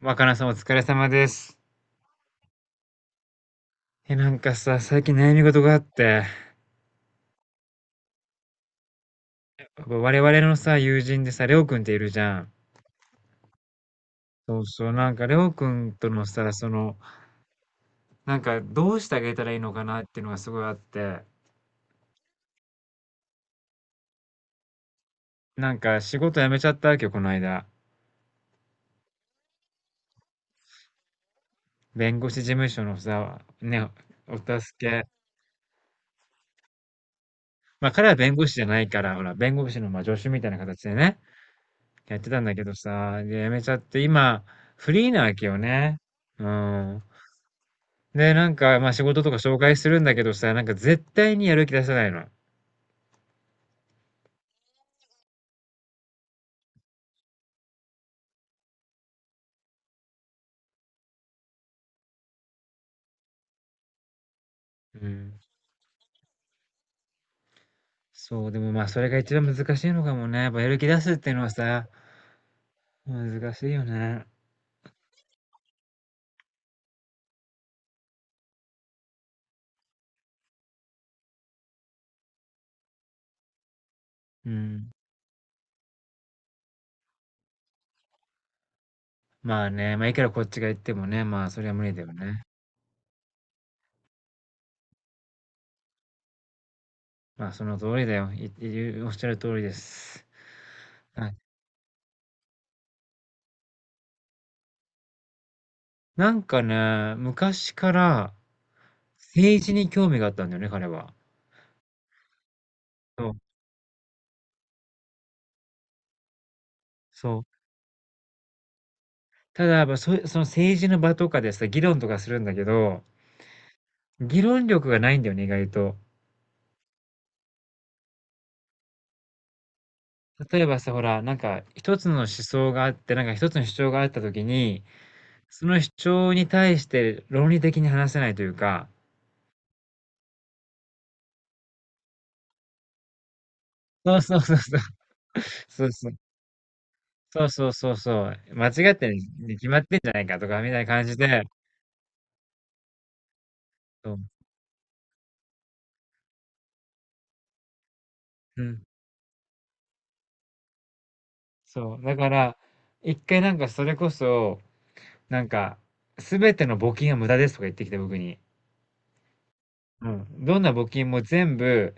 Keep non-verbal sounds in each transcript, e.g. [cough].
若菜さんお疲れ様です。なんかさ、最近悩み事があって、我々のさ、友人でさ、レオくんっているじゃん。そうそう、なんかレオくんとのさ、その、なんかどうしてあげたらいいのかなっていうのがすごいあって、なんか仕事辞めちゃったわけよ、この間。弁護士事務所のさ、ね、お助け。まあ彼は弁護士じゃないから、ほら、弁護士のまあ助手みたいな形でね、やってたんだけどさ、で、辞めちゃって、今、フリーなわけよね。うん。で、なんか、まあ、仕事とか紹介するんだけどさ、なんか絶対にやる気出さないの。うん。そう、でもまあ、それが一番難しいのかもね。やっぱやる気出すっていうのはさ、難しいよね。うん。まあね、まあ、いくらこっちが言ってもね、まあ、それは無理だよね。まあ、その通りだよ。おっしゃる通りです。はい。なんかね、昔から政治に興味があったんだよね、彼は。そう、そう。ただ、やっぱの政治の場とかでさ、議論とかするんだけど、議論力がないんだよね、意外と。例えばさ、ほら、なんか一つの思想があって、なんか一つの主張があった時に、その主張に対して論理的に話せないというか、そうそうそうそう。そうそう。そうそうそうそう。間違ってるに決まってんじゃないかとか、みたいな感じで。そう。うん。そう。だから、一回なんかそれこそ、なんか、すべての募金は無駄ですとか言ってきて、僕に。うん。どんな募金も全部、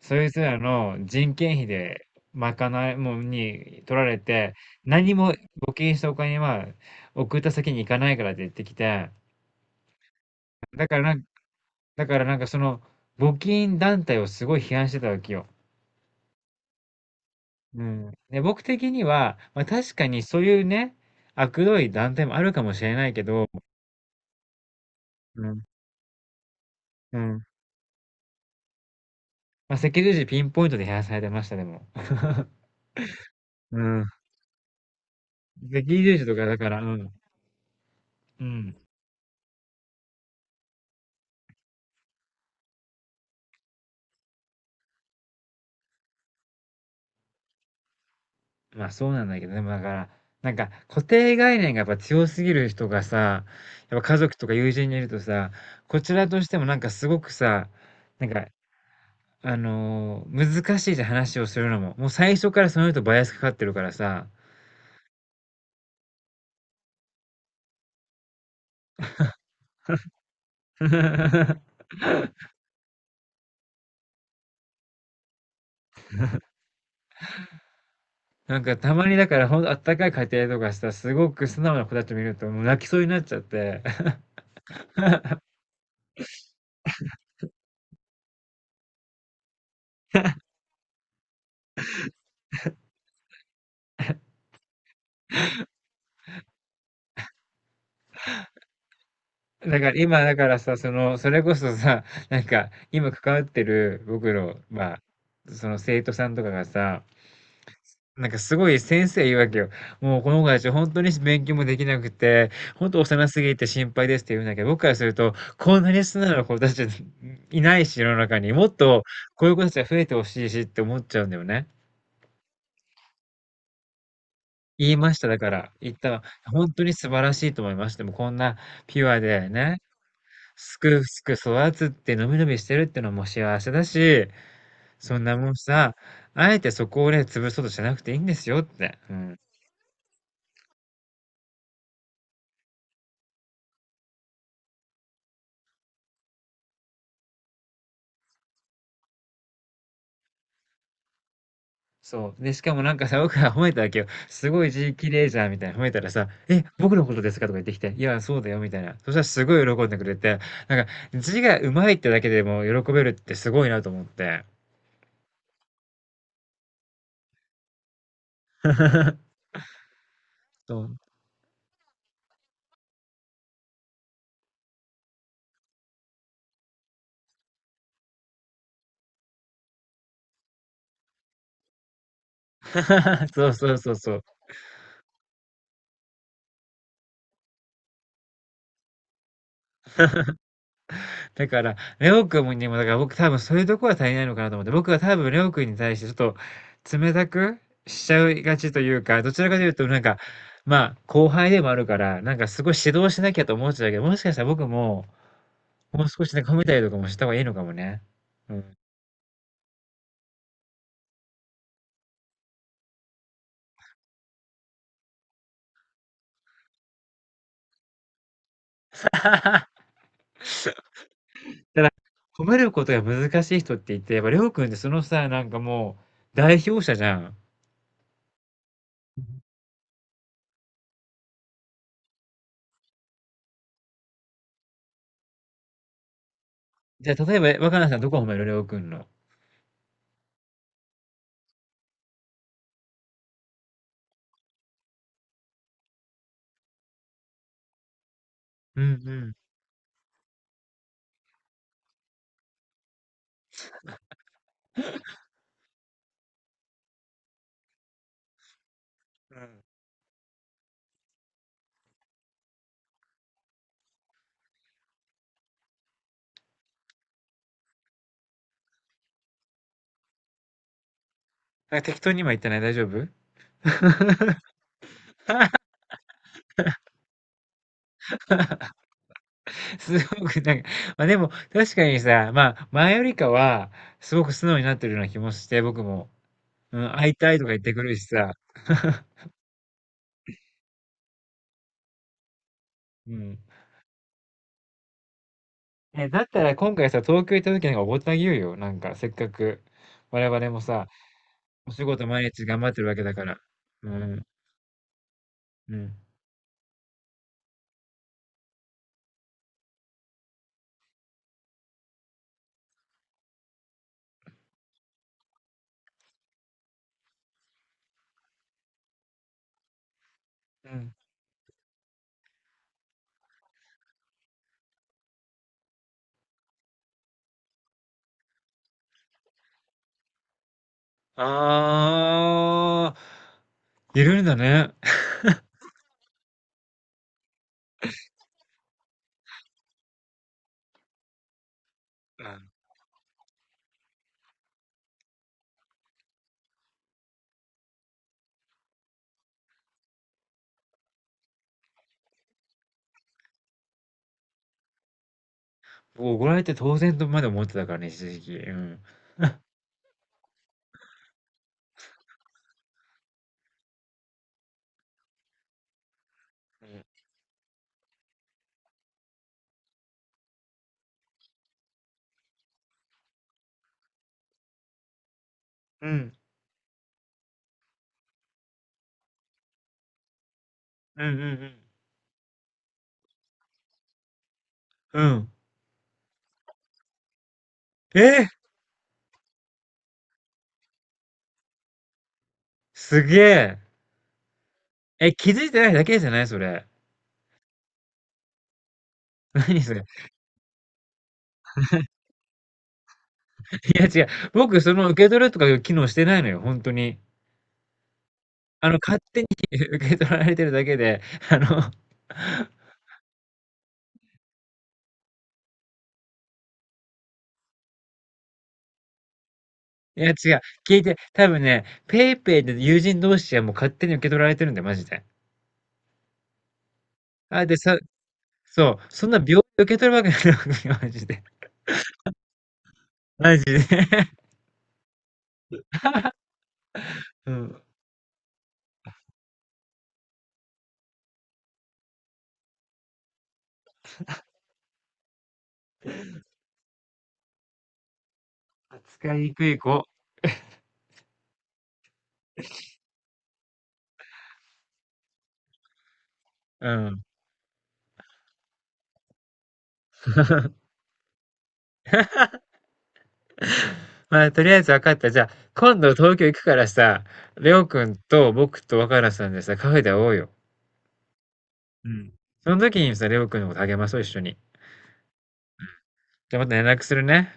そいつらの人件費で賄いもに取られて、何も募金したお金は送った先に行かないからって言ってきて、だからなん、だからなんかその募金団体をすごい批判してたわけよ。うん。で、僕的には、まあ確かにそういうね、悪どい団体もあるかもしれないけど、うん。うん。まあ赤十字ピンポイントで批判されてました、でも。[laughs] うん。[laughs] 赤十字とかだから、うん。うん。まあそうなんだけど、でもだから、なんか固定概念がやっぱ強すぎる人がさ、やっぱ家族とか友人にいるとさ、こちらとしてもなんかすごくさ、なんか、難しいじゃん話をするのも。もう最初からその人バイアスかかってるからさ。[laughs] なんかたまにだからほんとあったかい家庭とかさ、すごく素直な子たち見るともう泣きそうになっちゃって。[laughs] だから今だからさ、その、それこそさ、なんか今関わってる僕の、まあ、その生徒さんとかがさ、なんかすごい先生言うわけよ。もうこの子たち本当に勉強もできなくて、本当幼すぎて心配ですって言うんだけど、僕からすると、こんなに素直な子たちいないし、世の中にもっとこういう子たちが増えてほしいしって思っちゃうんだよね。言いました、だから。言ったら、本当に素晴らしいと思いました。でもこんなピュアでね、すくすく育つって、のびのびしてるってのも幸せだし、そんなもんさ、あえてそこをね、潰そうとしなくていいんですよって。うん。そう。で、しかもなんかさ、僕が褒めたわけよ。すごい字綺麗じゃんみたいな褒めたらさ、え、僕のことですかとか言ってきて、いや、そうだよみたいな。そしたらすごい喜んでくれて、なんか字が上手いってだけでも喜べるってすごいなと思って。そう。[laughs] そうそうそうそう。だから、レオ君にも、だから僕多分そういうとこは足りないのかなと思って、僕は多分レオ君に対してちょっと冷たくしちゃいがちというか、どちらかというとなんか、まあ後輩でもあるから、なんかすごい指導しなきゃと思っちゃうけど、もしかしたら僕も、もう少しね褒めたりとかもした方がいいのかもね。うん。[laughs] ただ、褒めることが難しい人っていて、やっぱりりょうくんってそのさ、なんかもう代表者じゃん。じゃあ例えば若菜さんどこ褒める？りょうくんの。うんうん。うん。なんか適当に今言ったね、大丈夫 [laughs]？すごくなんか、ま、でも確かにさ、まあ、前よりかはすごく素直になってるような気もして、僕も。うん、会いたいとか言ってくるしさ。[laughs] うん。え、だったら今回さ、東京行った時なんかおごってあげようよ、なんかせっかく。我々もさお仕事毎日頑張ってるわけだから。うん、うん、うん。ああ、いるんだね。うん。僕怒られて当然とまで思ってたからね、一時期。うん。うん。うんうんうん。うん。えすげえ。え、気づいてないだけじゃないそれ。[laughs] 何それ。いや違う。僕その受け取るとかいう機能してないのよ、本当に。あの、勝手に [laughs] 受け取られてるだけで、あのいや、違う。聞いて、多分ね、ペイペイで友人同士はもう勝手に受け取られてるんだよ、マジで。あ、で、さそう、そんな秒で受け取るわけないのよ、[laughs] マジで。マジで。[laughs] うん。扱いにくい子。うん。[laughs] まあ、とりあえず分かった。じゃあ、今度東京行くからさ、レオくんと僕と若菜さんでさ、カフェで会おうよ。うん。その時にさ、レオくんのこと励まそう、一緒に。じゃあまた連絡するね。